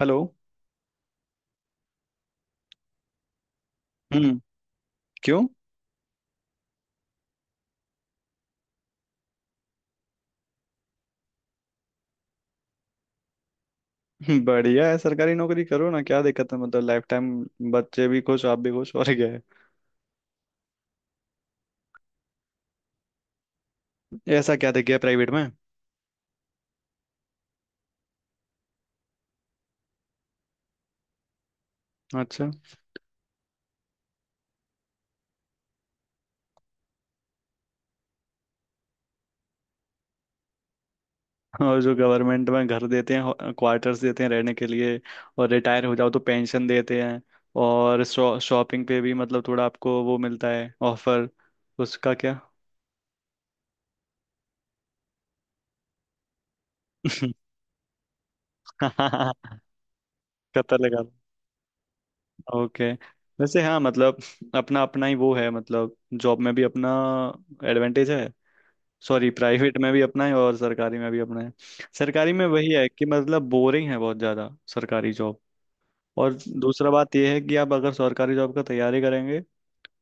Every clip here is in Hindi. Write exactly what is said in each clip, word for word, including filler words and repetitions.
हेलो। हम्म। क्यों? हम्म, बढ़िया है। सरकारी नौकरी करो ना, क्या दिक्कत है? मतलब लाइफ टाइम बच्चे भी खुश, आप भी खुश, और क्या है। ऐसा क्या दिख गया प्राइवेट में? अच्छा। और जो गवर्नमेंट में घर देते हैं, क्वार्टर्स देते हैं रहने के लिए। और रिटायर हो जाओ तो पेंशन देते हैं। और शॉ, शॉपिंग पे भी मतलब थोड़ा आपको वो मिलता है ऑफर, उसका क्या। पता लगा। ओके। वैसे हाँ, मतलब अपना अपना ही वो है, मतलब जॉब में भी अपना एडवांटेज है। सॉरी, प्राइवेट में भी अपना है और सरकारी में भी अपना है। सरकारी में वही है कि मतलब बोरिंग है बहुत ज़्यादा सरकारी जॉब। और दूसरा बात यह है कि आप अगर सरकारी जॉब का तैयारी करेंगे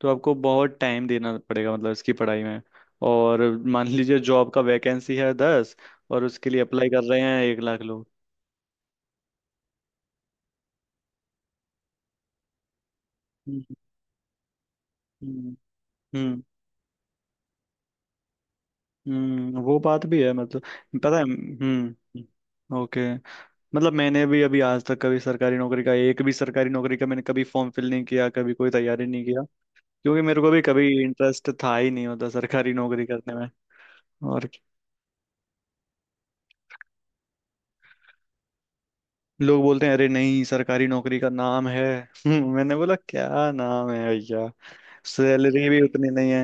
तो आपको बहुत टाइम देना पड़ेगा मतलब इसकी पढ़ाई में। और मान लीजिए जॉब का वैकेंसी है दस, और उसके लिए अप्लाई कर रहे हैं एक लाख लोग। हम्म, हम्म, हम्म, हम्म, वो बात भी है मतलब। पता है। हम्म। ओके। मतलब मैंने भी अभी आज तक कभी सरकारी नौकरी का एक भी सरकारी नौकरी का मैंने कभी फॉर्म फिल नहीं किया, कभी कोई तैयारी नहीं किया। क्योंकि मेरे को भी कभी इंटरेस्ट था ही नहीं होता सरकारी नौकरी करने में। और क्या-। लोग बोलते हैं, अरे नहीं, सरकारी नौकरी का नाम है। मैंने बोला क्या नाम है भैया, सैलरी भी उतनी नहीं है।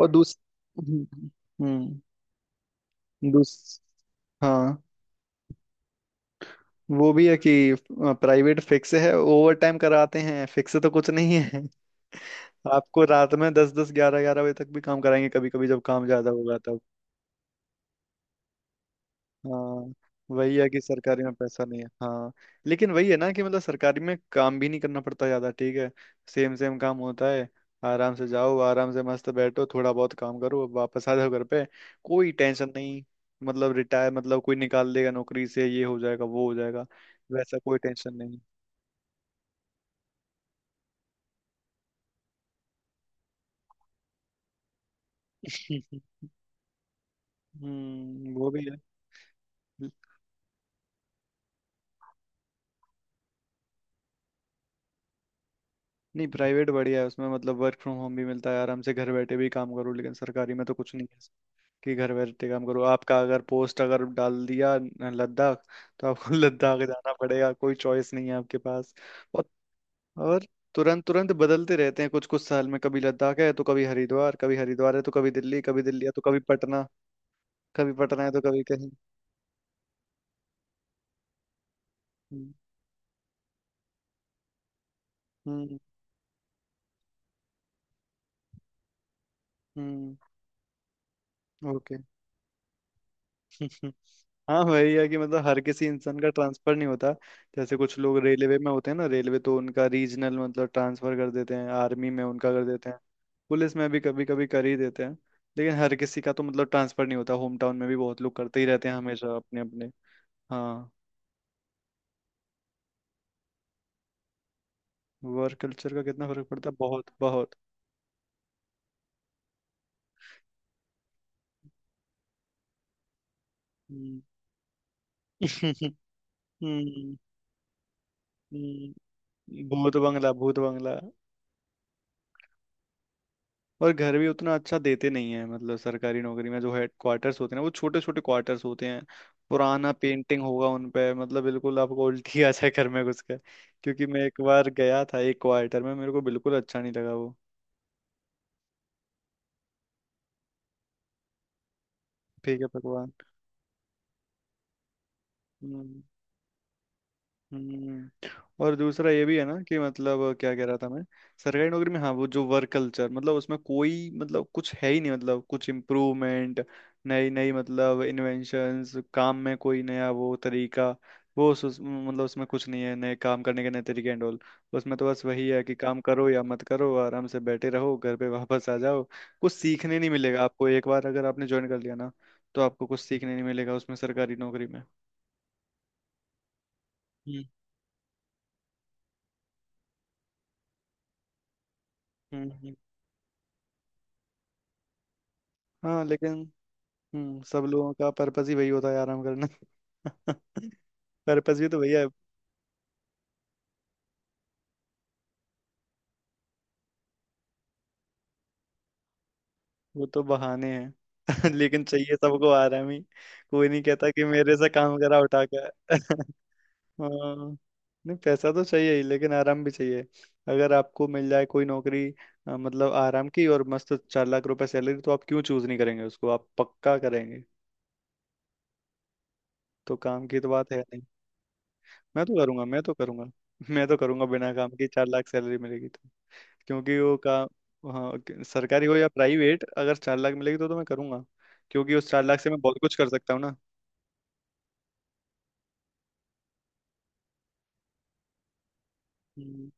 और दूस हम्म, हम्म, दूस हाँ। वो भी है कि प्राइवेट फिक्स है, ओवर टाइम कराते हैं, फिक्स तो कुछ नहीं है। आपको रात में दस दस, ग्यारह ग्यारह बजे तक भी काम कराएंगे, कभी कभी जब काम ज्यादा होगा तब। हाँ, वही है कि सरकारी में पैसा नहीं है। हाँ। लेकिन वही है ना कि मतलब सरकारी में काम भी नहीं करना पड़ता ज्यादा, ठीक है। सेम सेम काम होता है। आराम से जाओ, आराम से मस्त बैठो, थोड़ा बहुत काम करो, वापस आ जाओ घर पे, कोई टेंशन नहीं। मतलब रिटायर मतलब कोई निकाल देगा नौकरी से, ये हो जाएगा, वो हो जाएगा, वैसा कोई टेंशन नहीं। हम्म, वो भी है। हम्म। नहीं, प्राइवेट बढ़िया है, उसमें मतलब वर्क फ्रॉम होम भी मिलता है, आराम से घर बैठे भी काम करो, लेकिन सरकारी में तो कुछ नहीं है कि घर बैठे काम करो। आपका अगर पोस्ट अगर डाल दिया न- लद्दाख, तो आपको लद्दाख जाना पड़ेगा, कोई चॉइस नहीं है आपके पास। और और तुरंत तुरंत बदलते रहते हैं कुछ कुछ साल में, कभी लद्दाख है तो कभी हरिद्वार, कभी हरिद्वार है तो कभी दिल्ली, कभी दिल्ली है तो कभी पटना, कभी पटना है तो कभी कहीं। हम्म, हम्म, हम्म, ओके। हाँ, वही है कि मतलब हर किसी इंसान का ट्रांसफर नहीं होता। जैसे कुछ लोग रेलवे में होते हैं ना, रेलवे तो उनका रीजनल मतलब ट्रांसफर कर देते हैं, आर्मी में उनका कर देते हैं। पुलिस में भी कभी कभी कर ही देते हैं। लेकिन हर किसी का तो मतलब ट्रांसफर नहीं होता, होम टाउन में भी बहुत लोग करते ही रहते हैं हमेशा अपने अपने। हाँ, वर्क कल्चर का कितना फर्क पड़ता है, बहुत बहुत। हम्म। हम्म, हम्म, भूत बंगला भूत बंगला। और घर भी उतना अच्छा देते नहीं है, मतलब सरकारी नौकरी में जो हेड क्वार्टर्स होते हैं ना, वो छोटे छोटे क्वार्टर्स होते हैं। पुराना पेंटिंग होगा उन पे, मतलब बिल्कुल आपको उल्टी आ जाए घर में घुस कर। क्योंकि मैं एक बार गया था एक क्वार्टर में, मेरे को बिल्कुल अच्छा नहीं लगा वो। ठीक है भगवान। हम्म। हम्म। और दूसरा ये भी है ना कि मतलब क्या कह रहा था मैं, सरकारी नौकरी में, हाँ, वो जो वर्क कल्चर मतलब उसमें कोई मतलब कुछ है ही नहीं, मतलब कुछ इम्प्रूवमेंट, नई नई मतलब इन्वेंशंस, काम में कोई नया वो तरीका। वो उस, उस- मतलब उसमें कुछ नहीं है नए काम करने के नए तरीके एंड ऑल। उसमें तो बस वही है कि काम करो या मत करो, आराम से बैठे रहो, घर पे वापस आ जाओ। कुछ सीखने नहीं मिलेगा आपको, एक बार अगर आपने ज्वाइन कर लिया ना, तो आपको कुछ सीखने नहीं मिलेगा उसमें, सरकारी नौकरी में। हम्म, हम्म, हम्म। हाँ लेकिन हम्म सब लोगों का पर्पस ही वही होता है आराम करना। पर्पस भी तो भैया, वो तो बहाने हैं। लेकिन चाहिए सबको आराम ही। कोई नहीं कहता कि मेरे से काम करा उठा के। हाँ, नहीं, पैसा तो चाहिए ही लेकिन आराम भी चाहिए। अगर आपको मिल जाए कोई नौकरी अ, मतलब आराम की, और मस्त चार लाख रुपए सैलरी, तो आप क्यों चूज नहीं करेंगे उसको, आप पक्का करेंगे। तो काम की तो बात है नहीं। मैं तो करूंगा, मैं तो करूंगा। मैं तो करूंगा, बिना काम की चार लाख सैलरी मिलेगी तो। क्योंकि वो का हाँ, कि- सरकारी हो या प्राइवेट अगर चार लाख मिलेगी तो तो मैं करूंगा। क्योंकि उस चार लाख से मैं बहुत कुछ कर सकता हूँ ना। हम्म,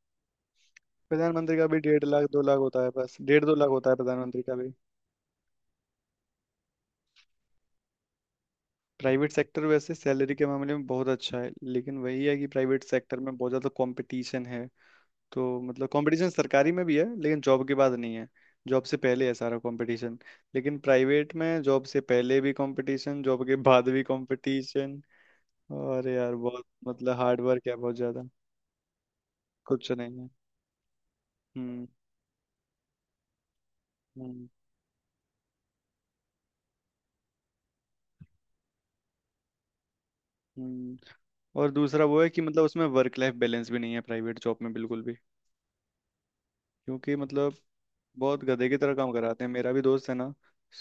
प्रधानमंत्री का भी डेढ़ लाख, दो लाख होता है, बस डेढ़ दो लाख होता है प्रधानमंत्री का भी। प्राइवेट सेक्टर वैसे सैलरी के मामले में बहुत अच्छा है, लेकिन वही है कि प्राइवेट सेक्टर में बहुत ज़्यादा कंपटीशन है। तो मतलब कंपटीशन सरकारी में भी है, लेकिन जॉब के बाद नहीं है। जॉब से पहले है सारा कंपटीशन। लेकिन प्राइवेट में जॉब से पहले भी कंपटीशन, जॉब के बाद भी कंपटीशन। और यार बहुत मतलब हार्ड वर्क है बहुत ज्यादा, कुछ नहीं है। हम्म, हम्म, हम्म। और दूसरा वो है कि मतलब उसमें वर्क लाइफ बैलेंस भी नहीं है प्राइवेट जॉब में बिल्कुल भी। क्योंकि मतलब बहुत गधे की तरह काम कराते हैं, मेरा भी दोस्त है ना,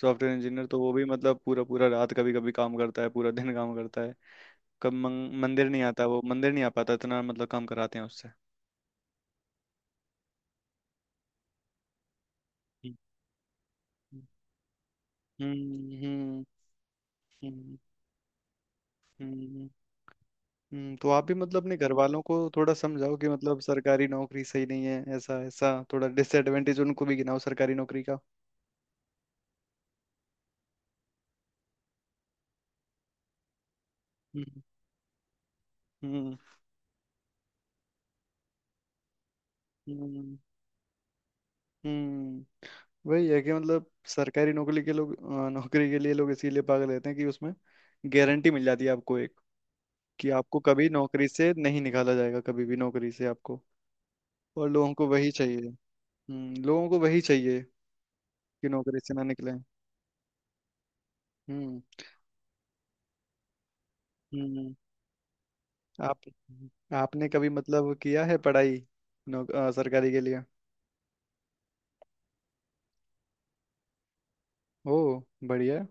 सॉफ्टवेयर इंजीनियर, तो वो भी मतलब पूरा पूरा रात कभी कभी काम करता है, पूरा दिन काम करता है। कब मंग- मंदिर नहीं आता, वो मंदिर नहीं आ पाता, इतना मतलब काम कराते हैं उससे। हम्म, हम्म, हम्म, हम्म, हम्म, हम्म तो आप भी मतलब अपने घर वालों को थोड़ा समझाओ कि मतलब सरकारी नौकरी सही नहीं है, ऐसा ऐसा थोड़ा डिसएडवांटेज उनको भी गिनाओ सरकारी नौकरी का। हम्म, हम्म, हम्म, हम्म, वही है कि मतलब सरकारी नौकरी के लोग अ, नौकरी के लिए लोग इसीलिए पागल रहते हैं कि उसमें गारंटी मिल जाती है आपको एक, कि आपको कभी नौकरी से नहीं निकाला जाएगा, कभी भी नौकरी से आपको। और लोगों को वही चाहिए। हम्म, लोगों को वही चाहिए कि नौकरी से ना निकले। हम्म। हम्म। आप आपने कभी मतलब किया है पढ़ाई नौ, अ, सरकारी के लिए? ओ, बढ़िया है।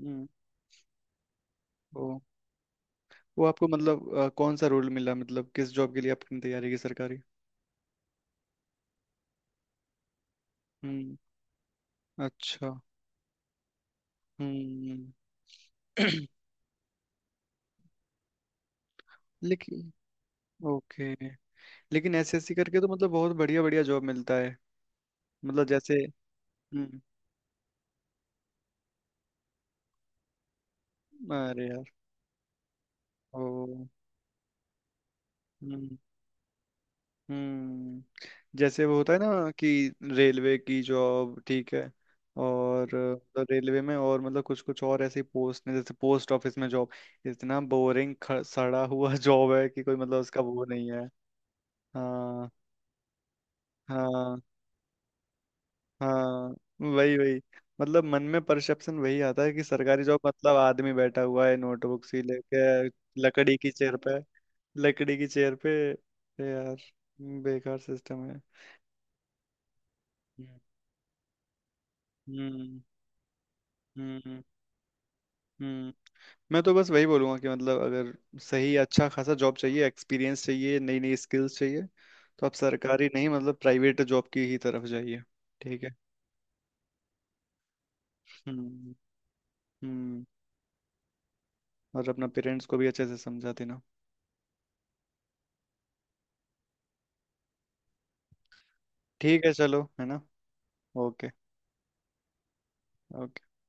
हम्म। ओ, वो आपको मतलब अ, कौन सा रोल मिला, मतलब किस जॉब के लिए आपने तैयारी की, सरकारी? हम्म। अच्छा। हम्म। लेकिन ओके, लेकिन एस एस सी करके तो मतलब बहुत बढ़िया बढ़िया जॉब मिलता है, मतलब जैसे। हम्म। अरे यार। ओ। हम्म। हम्म। जैसे वो होता है ना कि रेलवे की जॉब ठीक है, और अ, रेलवे में और मतलब कुछ कुछ और ऐसी पोस्ट ने, जैसे पोस्ट ऑफिस में जॉब, इतना बोरिंग सड़ा हुआ जॉब है कि कोई मतलब उसका वो नहीं है। हाँ, हाँ, हाँ, वही वही, मतलब मन में परसेप्शन वही आता है कि सरकारी जॉब मतलब आदमी बैठा हुआ है नोटबुक सी लेके, लकड़ी की चेयर पे, लकड़ी की चेयर पे। यार, बेकार सिस्टम है। हम्म, हम्म, हम्म, हम्म मैं तो बस वही बोलूंगा कि मतलब अगर सही अच्छा खासा जॉब चाहिए, एक्सपीरियंस चाहिए, नई नई स्किल्स चाहिए, तो आप सरकारी नहीं, मतलब प्राइवेट जॉब की ही तरफ जाइए। ठीक है। हम्म, हम्म। और अपना पेरेंट्स को भी अच्छे से समझा देना। ठीक है चलो, है ना। ओके। ओके।